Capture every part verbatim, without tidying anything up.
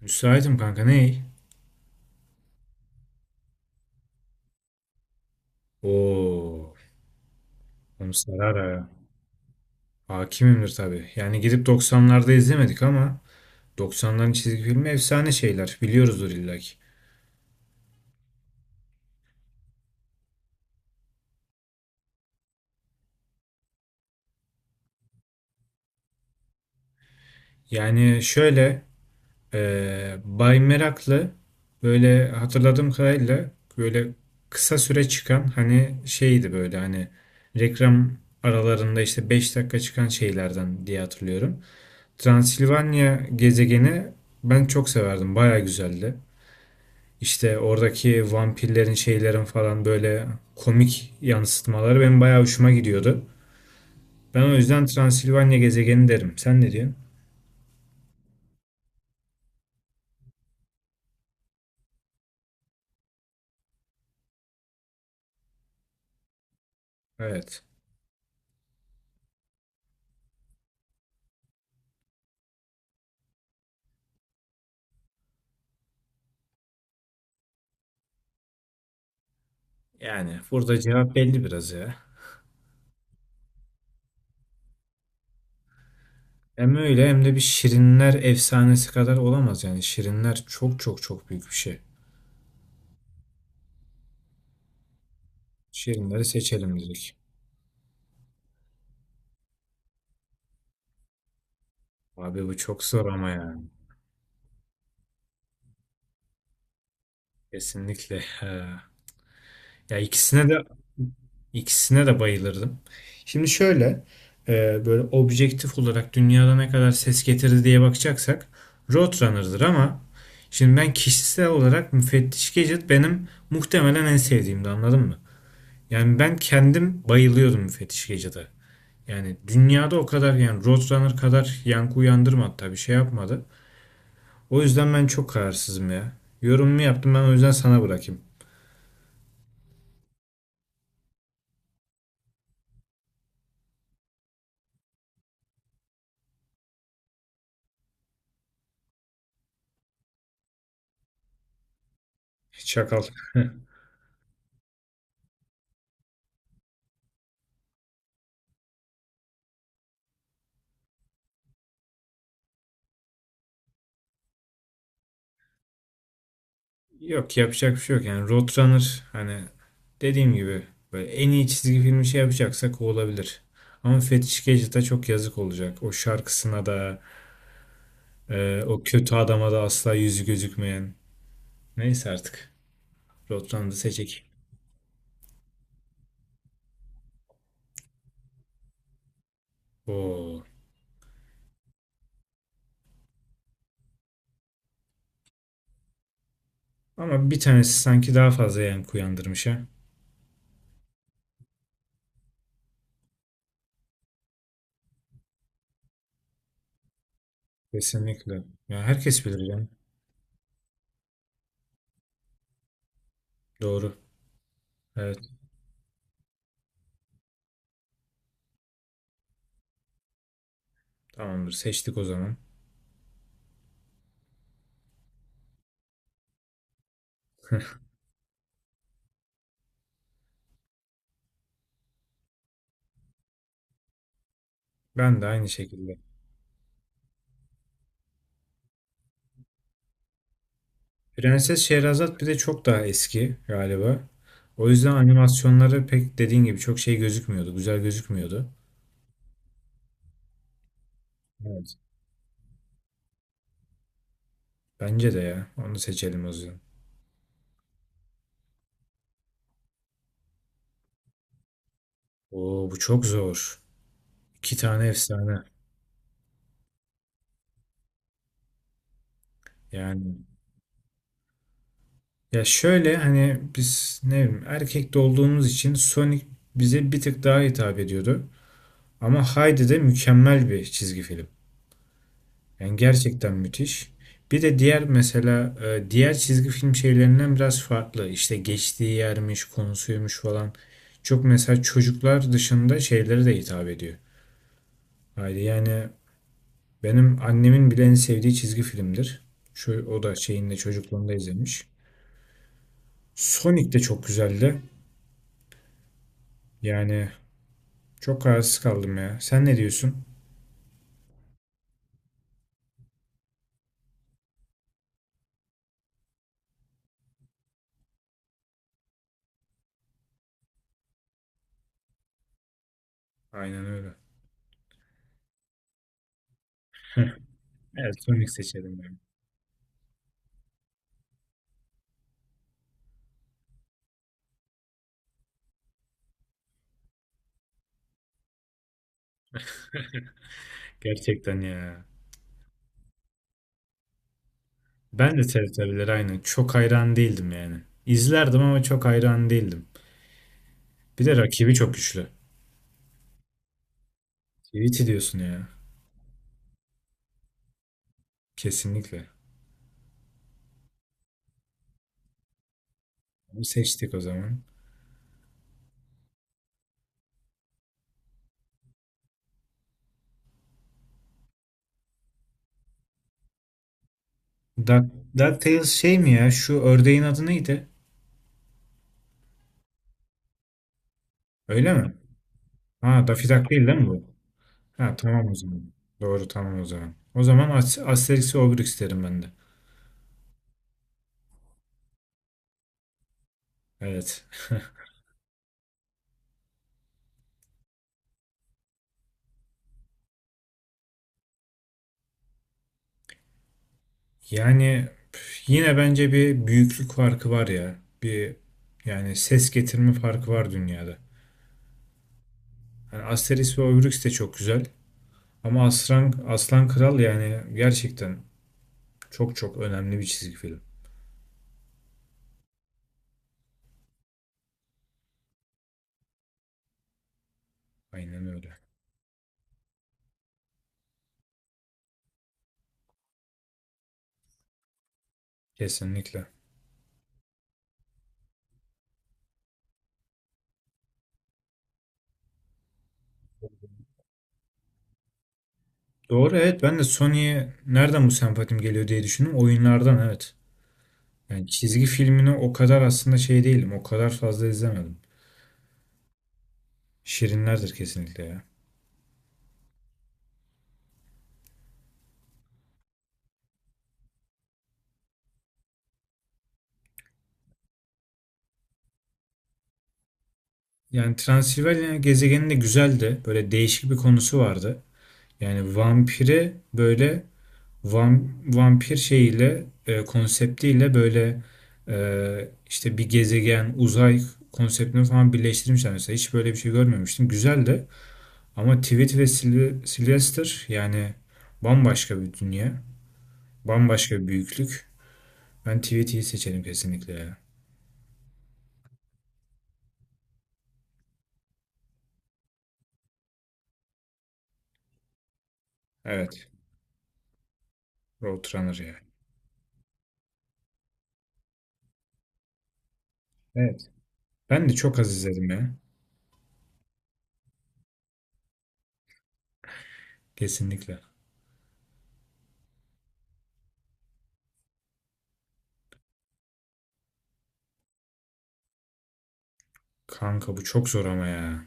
Müsaitim kanka ney? Oo, onu sarar ha. Hakimimdir tabii. Yani gidip doksanlarda izlemedik ama doksanların çizgi filmi efsane şeyler. Biliyoruzdur illaki. Yani şöyle e, Bay Meraklı, böyle hatırladığım kadarıyla böyle kısa süre çıkan hani şeydi, böyle hani reklam aralarında işte beş dakika çıkan şeylerden diye hatırlıyorum. Transilvanya gezegeni ben çok severdim. Baya güzeldi. İşte oradaki vampirlerin şeylerin falan böyle komik yansıtmaları benim bayağı hoşuma gidiyordu. Ben o yüzden Transilvanya gezegeni derim. Sen ne diyorsun? Evet. Yani burada cevap belli biraz ya. Hem öyle hem de bir Şirinler efsanesi kadar olamaz yani. Şirinler çok çok çok büyük bir şey. Şirinleri seçelim dedik. Abi bu çok zor ama yani. Kesinlikle. Ha. Ya ikisine de İkisine de bayılırdım. Şimdi şöyle e, böyle objektif olarak dünyada ne kadar ses getirdi diye bakacaksak Roadrunner'dır, ama şimdi ben kişisel olarak Müfettiş Gadget benim muhtemelen en sevdiğimdi, anladın mı? Yani ben kendim bayılıyordum Müfettiş Gadget'a. Yani dünyada o kadar yani Roadrunner kadar yankı uyandırmadı tabii, şey yapmadı. O yüzden ben çok kararsızım ya. Yorumumu yaptım ben, o yüzden sana bırakayım. Çakal. Yok, yapacak bir şey yok yani. Roadrunner hani dediğim gibi böyle en iyi çizgi filmi şey yapacaksak o olabilir. Ama Fetiş Gadget'a çok yazık olacak. O şarkısına da, e, o kötü adama da, asla yüzü gözükmeyen. Neyse artık Roadrunner'ı seçecek. Oo. Ama bir tanesi sanki daha fazla yankı uyandırmış ha. Kesinlikle. Ya herkes bilir yani. Doğru. Evet, tamamdır, seçtik o zaman. Ben de aynı şekilde. Prenses Şehrazat bir de çok daha eski galiba. O yüzden animasyonları pek dediğin gibi çok şey gözükmüyordu. Güzel gözükmüyordu. Evet. Bence de ya. Onu seçelim o yüzden. Oo, bu çok zor. İki tane efsane. Yani ya şöyle hani biz, ne bileyim, erkekte olduğumuz için Sonic bize bir tık daha hitap ediyordu. Ama Heidi de mükemmel bir çizgi film. Yani gerçekten müthiş. Bir de diğer, mesela e, diğer çizgi film şeylerinden biraz farklı. İşte geçtiği yermiş, konusuymuş falan. Çok mesela çocuklar dışında şeylere de hitap ediyor. Haydi yani benim annemin bile en sevdiği çizgi filmdir. Şu o da şeyinde çocukluğunda izlemiş. Sonic de çok güzeldi. Yani çok kararsız kaldım ya. Sen ne diyorsun? Aynen öyle. Evet, Sonic seçelim ben. Gerçekten ya. Ben de T R T aynı. Çok hayran değildim yani. İzlerdim ama çok hayran değildim. Bir de rakibi çok güçlü. Tweety diyorsun ya. Kesinlikle. Bunu seçtik o zaman. Da, DuckTales şey mi ya? Şu ördeğin adı neydi? Öyle mi? Ha, Daffy Duck değil değil mi bu? Ha, tamam o zaman. Doğru, tamam o zaman. O zaman As Asterix ve Obelix derim ben de. Evet. Yani püf, yine bence bir büyüklük farkı var ya. Bir, yani ses getirme farkı var dünyada. Yani Asterix ve Obelix de çok güzel. Ama Aslan, Aslan Kral yani gerçekten çok çok önemli bir çizgi film. Aynen öyle. Kesinlikle. Doğru, evet, ben de Sony'ye nereden bu sempatim geliyor diye düşündüm. Oyunlardan, evet. Yani çizgi filmini o kadar aslında şey değilim. O kadar fazla izlemedim. Şirinlerdir kesinlikle ya. Yani Transilvanya gezegeni de güzeldi. Böyle değişik bir konusu vardı. Yani vampire böyle, Vam- vampir şeyiyle, e, konseptiyle, böyle e, işte bir gezegen, uzay konseptini falan birleştirmişler mesela. Hiç böyle bir şey görmemiştim. Güzel de, ama Tweet ve Syl- Sylvester yani bambaşka bir dünya. Bambaşka bir büyüklük. Ben Tweet'i seçerim kesinlikle ya. Evet. Roadrunner ya. Evet. Ben de çok az izledim ya. Kesinlikle. Kanka bu çok zor ama ya.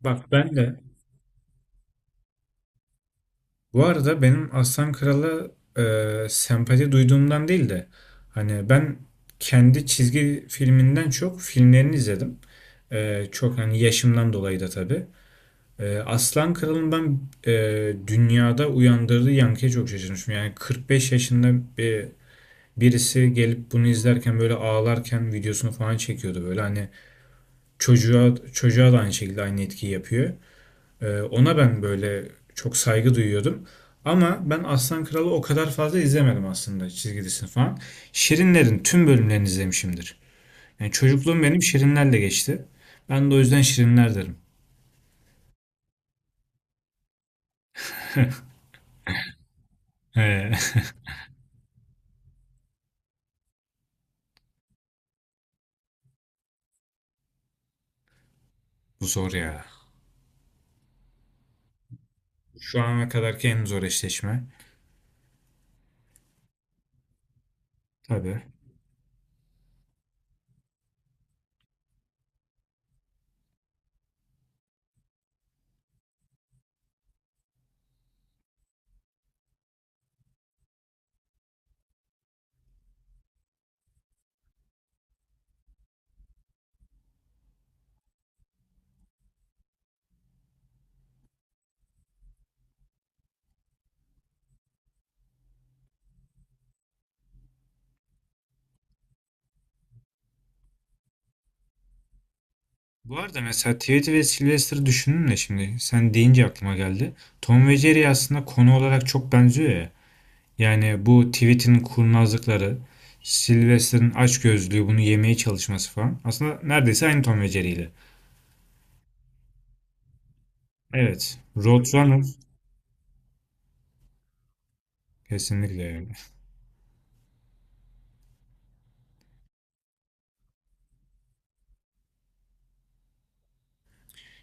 Bak ben de Bu arada benim Aslan Kral'a e, sempati duyduğumdan değil de, hani ben kendi çizgi filminden çok filmlerini izledim. E, çok, hani, yaşımdan dolayı da tabii. E, Aslan Kral'ın ben e, dünyada uyandırdığı yankıya çok şaşırmışım. Yani kırk beş yaşında bir birisi gelip bunu izlerken böyle ağlarken videosunu falan çekiyordu, böyle hani çocuğa, çocuğa da aynı şekilde aynı etkiyi yapıyor. Ee, ona ben böyle çok saygı duyuyordum. Ama ben Aslan Kralı o kadar fazla izlemedim aslında, çizgi falan. Şirinler'in tüm bölümlerini izlemişimdir. Yani çocukluğum benim Şirinler'le geçti. Ben de o yüzden Şirinler derim. Ee, bu zor ya. Şu ana kadarki en zor eşleşme. Tabii. Bu arada mesela Tweety ve Sylvester'ı düşündüm de şimdi sen deyince aklıma geldi. Tom ve Jerry aslında konu olarak çok benziyor ya. Yani bu tweet'in kurnazlıkları, Sylvester'ın açgözlüğü, bunu yemeye çalışması falan. Aslında neredeyse aynı Tom ve Jerry'yle. Evet. Roadrunner kesinlikle öyle.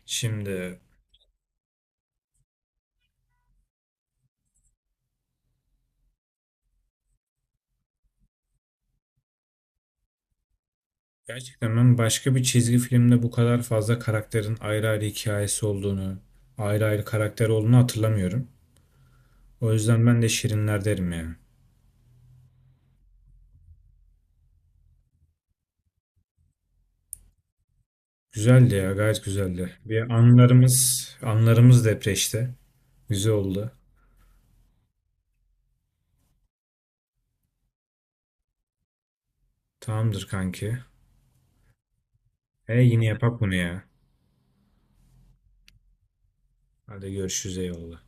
Şimdi gerçekten ben başka bir çizgi filmde bu kadar fazla karakterin ayrı ayrı hikayesi olduğunu, ayrı ayrı karakter olduğunu hatırlamıyorum. O yüzden ben de Şirinler derim yani. Güzeldi ya, gayet güzeldi. Bir anlarımız, anlarımız depreşti. Güzel oldu. Tamamdır kanki. E, yine yapak bunu ya. Hadi görüşürüz, eyvallah.